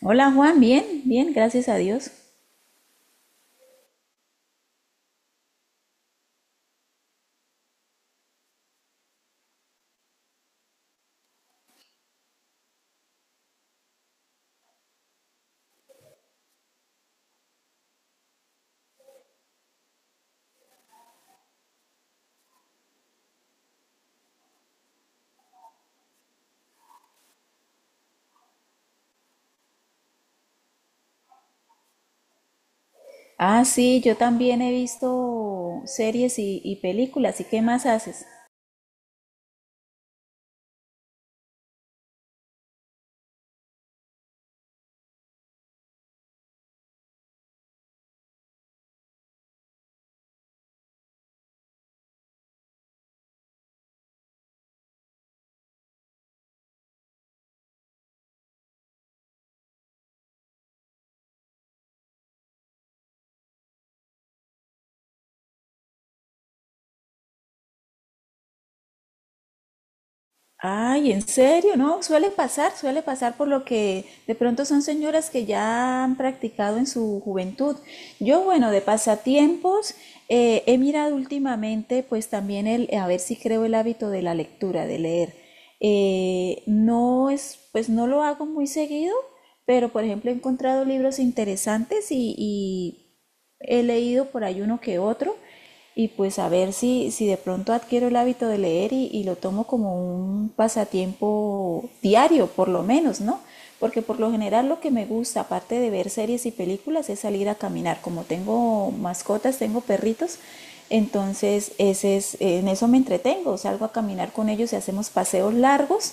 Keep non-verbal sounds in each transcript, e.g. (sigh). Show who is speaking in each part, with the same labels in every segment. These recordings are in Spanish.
Speaker 1: Hola Juan, bien, bien, gracias a Dios. Ah, sí, yo también he visto series y películas. ¿Y qué más haces? Ay, ¿en serio? No, suele pasar por lo que de pronto son señoras que ya han practicado en su juventud. Yo, bueno, de pasatiempos, he mirado últimamente, pues también el, a ver si creo el hábito de la lectura, de leer. No es, pues no lo hago muy seguido, pero por ejemplo he encontrado libros interesantes y, he leído por ahí uno que otro y pues a ver si, si de pronto adquiero el hábito de leer y lo tomo como un pasatiempo diario, por lo menos, ¿no? Porque por lo general lo que me gusta, aparte de ver series y películas, es salir a caminar. Como tengo mascotas, tengo perritos, entonces ese es, en eso me entretengo. Salgo a caminar con ellos y hacemos paseos largos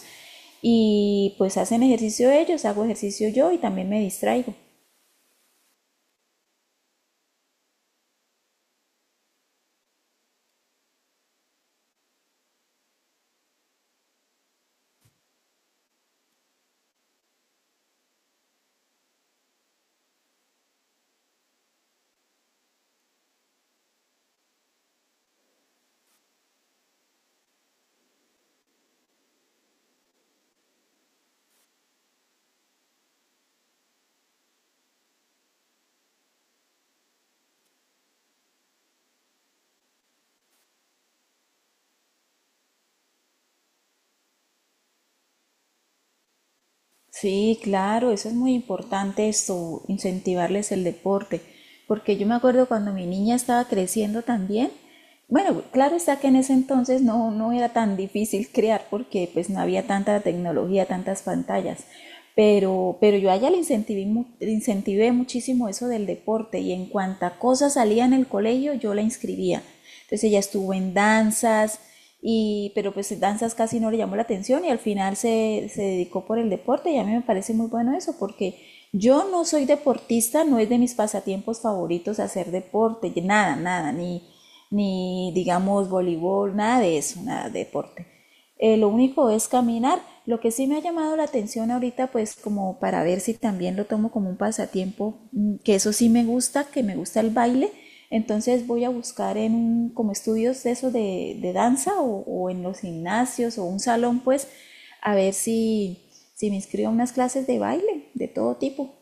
Speaker 1: y pues hacen ejercicio ellos, hago ejercicio yo y también me distraigo. Sí, claro, eso es muy importante, eso, incentivarles el deporte, porque yo me acuerdo cuando mi niña estaba creciendo también, bueno, claro está que en ese entonces no, no era tan difícil crear porque pues no había tanta tecnología, tantas pantallas, pero yo a ella le incentivé, le incentivé muchísimo eso del deporte y en cuanta cosa salía en el colegio yo la inscribía. Entonces ella estuvo en danzas, y, pero pues danzas casi no le llamó la atención y al final se, se dedicó por el deporte y a mí me parece muy bueno eso porque yo no soy deportista, no es de mis pasatiempos favoritos hacer deporte, nada, nada, ni, ni digamos voleibol, nada de eso, nada de deporte. Lo único es caminar. Lo que sí me ha llamado la atención ahorita, pues como para ver si también lo tomo como un pasatiempo, mm, que eso sí me gusta, que me gusta el baile. Entonces voy a buscar como estudios de eso de danza o en los gimnasios o un salón, pues a ver si, si me inscribo a unas clases de baile de todo tipo.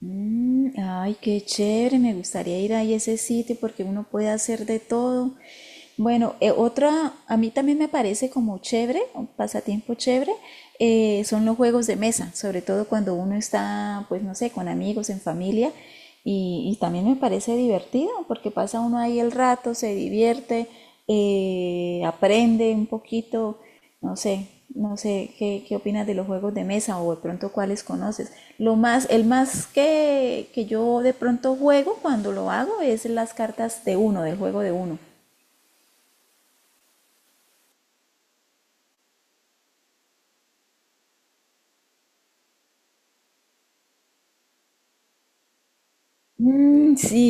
Speaker 1: Mm, ay, qué chévere, me gustaría ir ahí a ese sitio porque uno puede hacer de todo. Bueno, otra, a mí también me parece como chévere, un pasatiempo chévere, son los juegos de mesa, sobre todo cuando uno está, pues no sé, con amigos, en familia, y también me parece divertido porque pasa uno ahí el rato, se divierte, aprende un poquito. No sé, no sé qué, qué opinas de los juegos de mesa o de pronto cuáles conoces. Lo más, el más que yo de pronto juego cuando lo hago es las cartas de uno, del juego de uno. Mm, sí.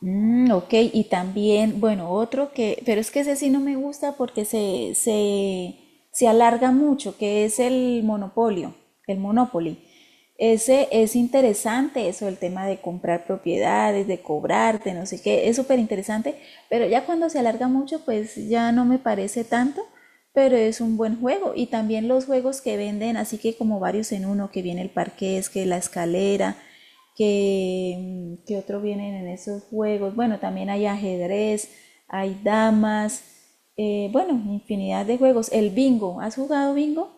Speaker 1: Mm, ok, y también, bueno, otro que, pero es que ese sí no me gusta porque se alarga mucho, que es el monopolio, el Monopoly. Ese es interesante, eso, el tema de comprar propiedades, de cobrarte, no sé qué, es súper interesante, pero ya cuando se alarga mucho, pues ya no me parece tanto, pero es un buen juego. Y también los juegos que venden, así que como varios en uno, que viene el parqués, que la escalera, que, mm, que otro vienen en esos juegos. Bueno, también hay ajedrez, hay damas, bueno, infinidad de juegos. El bingo, ¿has jugado bingo?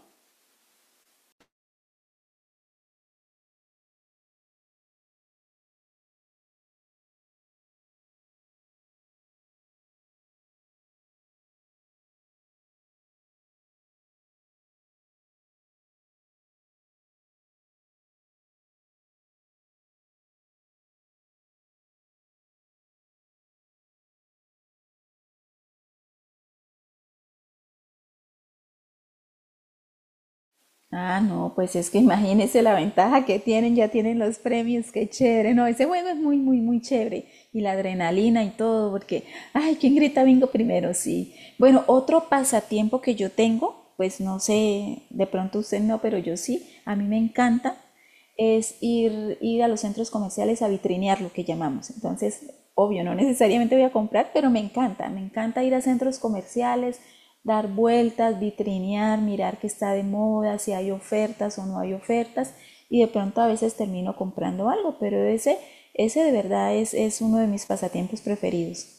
Speaker 1: Ah, no, pues es que (laughs) imagínense la ventaja que tienen, ya tienen los premios, qué chévere. No, ese juego es muy, muy, muy chévere. Y la adrenalina y todo, porque, ay, ¿quién grita bingo primero? Sí. Bueno, otro pasatiempo que yo tengo, pues no sé, de pronto usted no, pero yo sí, a mí me encanta es ir, ir a los centros comerciales a vitrinear lo que llamamos. Entonces, obvio, no necesariamente voy a comprar, pero me encanta ir a centros comerciales, dar vueltas, vitrinear, mirar qué está de moda, si hay ofertas o no hay ofertas, y de pronto a veces termino comprando algo, pero ese de verdad es uno de mis pasatiempos preferidos.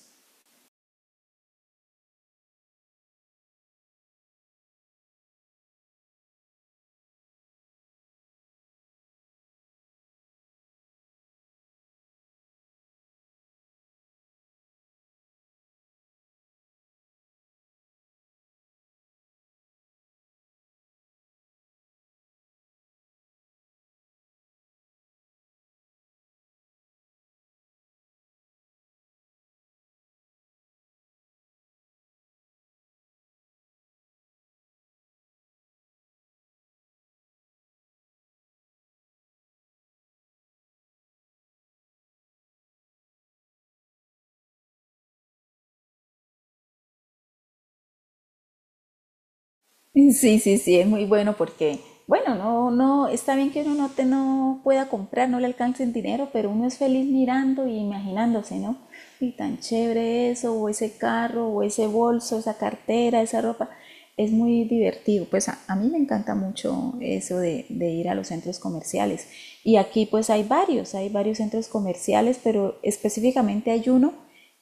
Speaker 1: (laughs) Sí, sí, sí, es muy bueno porque, bueno, no, no, está bien que uno no, te, no pueda comprar, no le alcance el dinero, pero uno es feliz mirando y imaginándose, ¿no? Y tan chévere eso, o ese carro, o ese bolso, esa cartera, esa ropa. Es muy divertido. Pues a mí me encanta mucho eso de ir a los centros comerciales. Y aquí pues hay varios centros comerciales, pero específicamente hay uno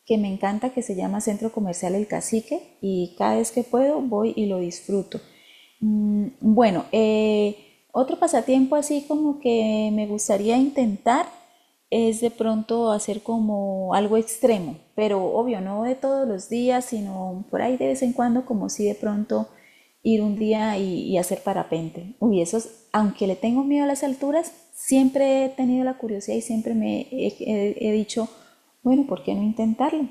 Speaker 1: que me encanta, que se llama Centro Comercial El Cacique, y cada vez que puedo voy y lo disfruto. Mm, bueno, otro pasatiempo así como que me gustaría intentar es de pronto hacer como algo extremo, pero obvio, no de todos los días, sino por ahí de vez en cuando, como si de pronto ir un día y hacer parapente. Uy, eso es- aunque le tengo miedo a las alturas, siempre he tenido la curiosidad y siempre me he, he dicho, bueno, ¿por qué no intentarlo?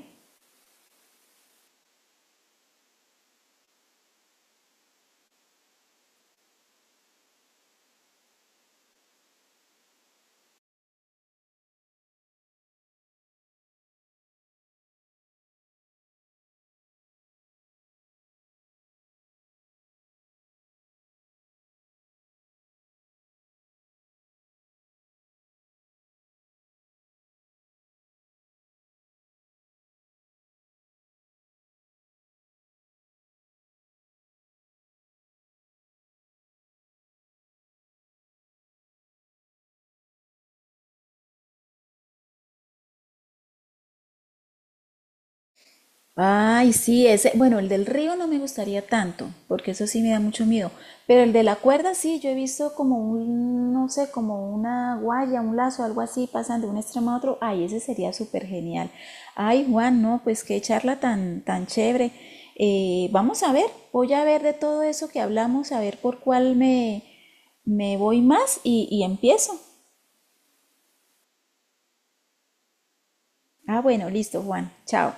Speaker 1: Ay, sí, ese, bueno, el del río no me gustaría tanto, porque eso sí me da mucho miedo, pero el de la cuerda sí, yo he visto como un, no sé, como una guaya, un lazo, algo así, pasan de un extremo a otro, ay, ese sería súper genial. Ay, Juan, no, pues qué charla tan, tan chévere. Vamos a ver, voy a ver de todo eso que hablamos, a ver por cuál me, me voy más y empiezo. Ah, bueno, listo, Juan, chao.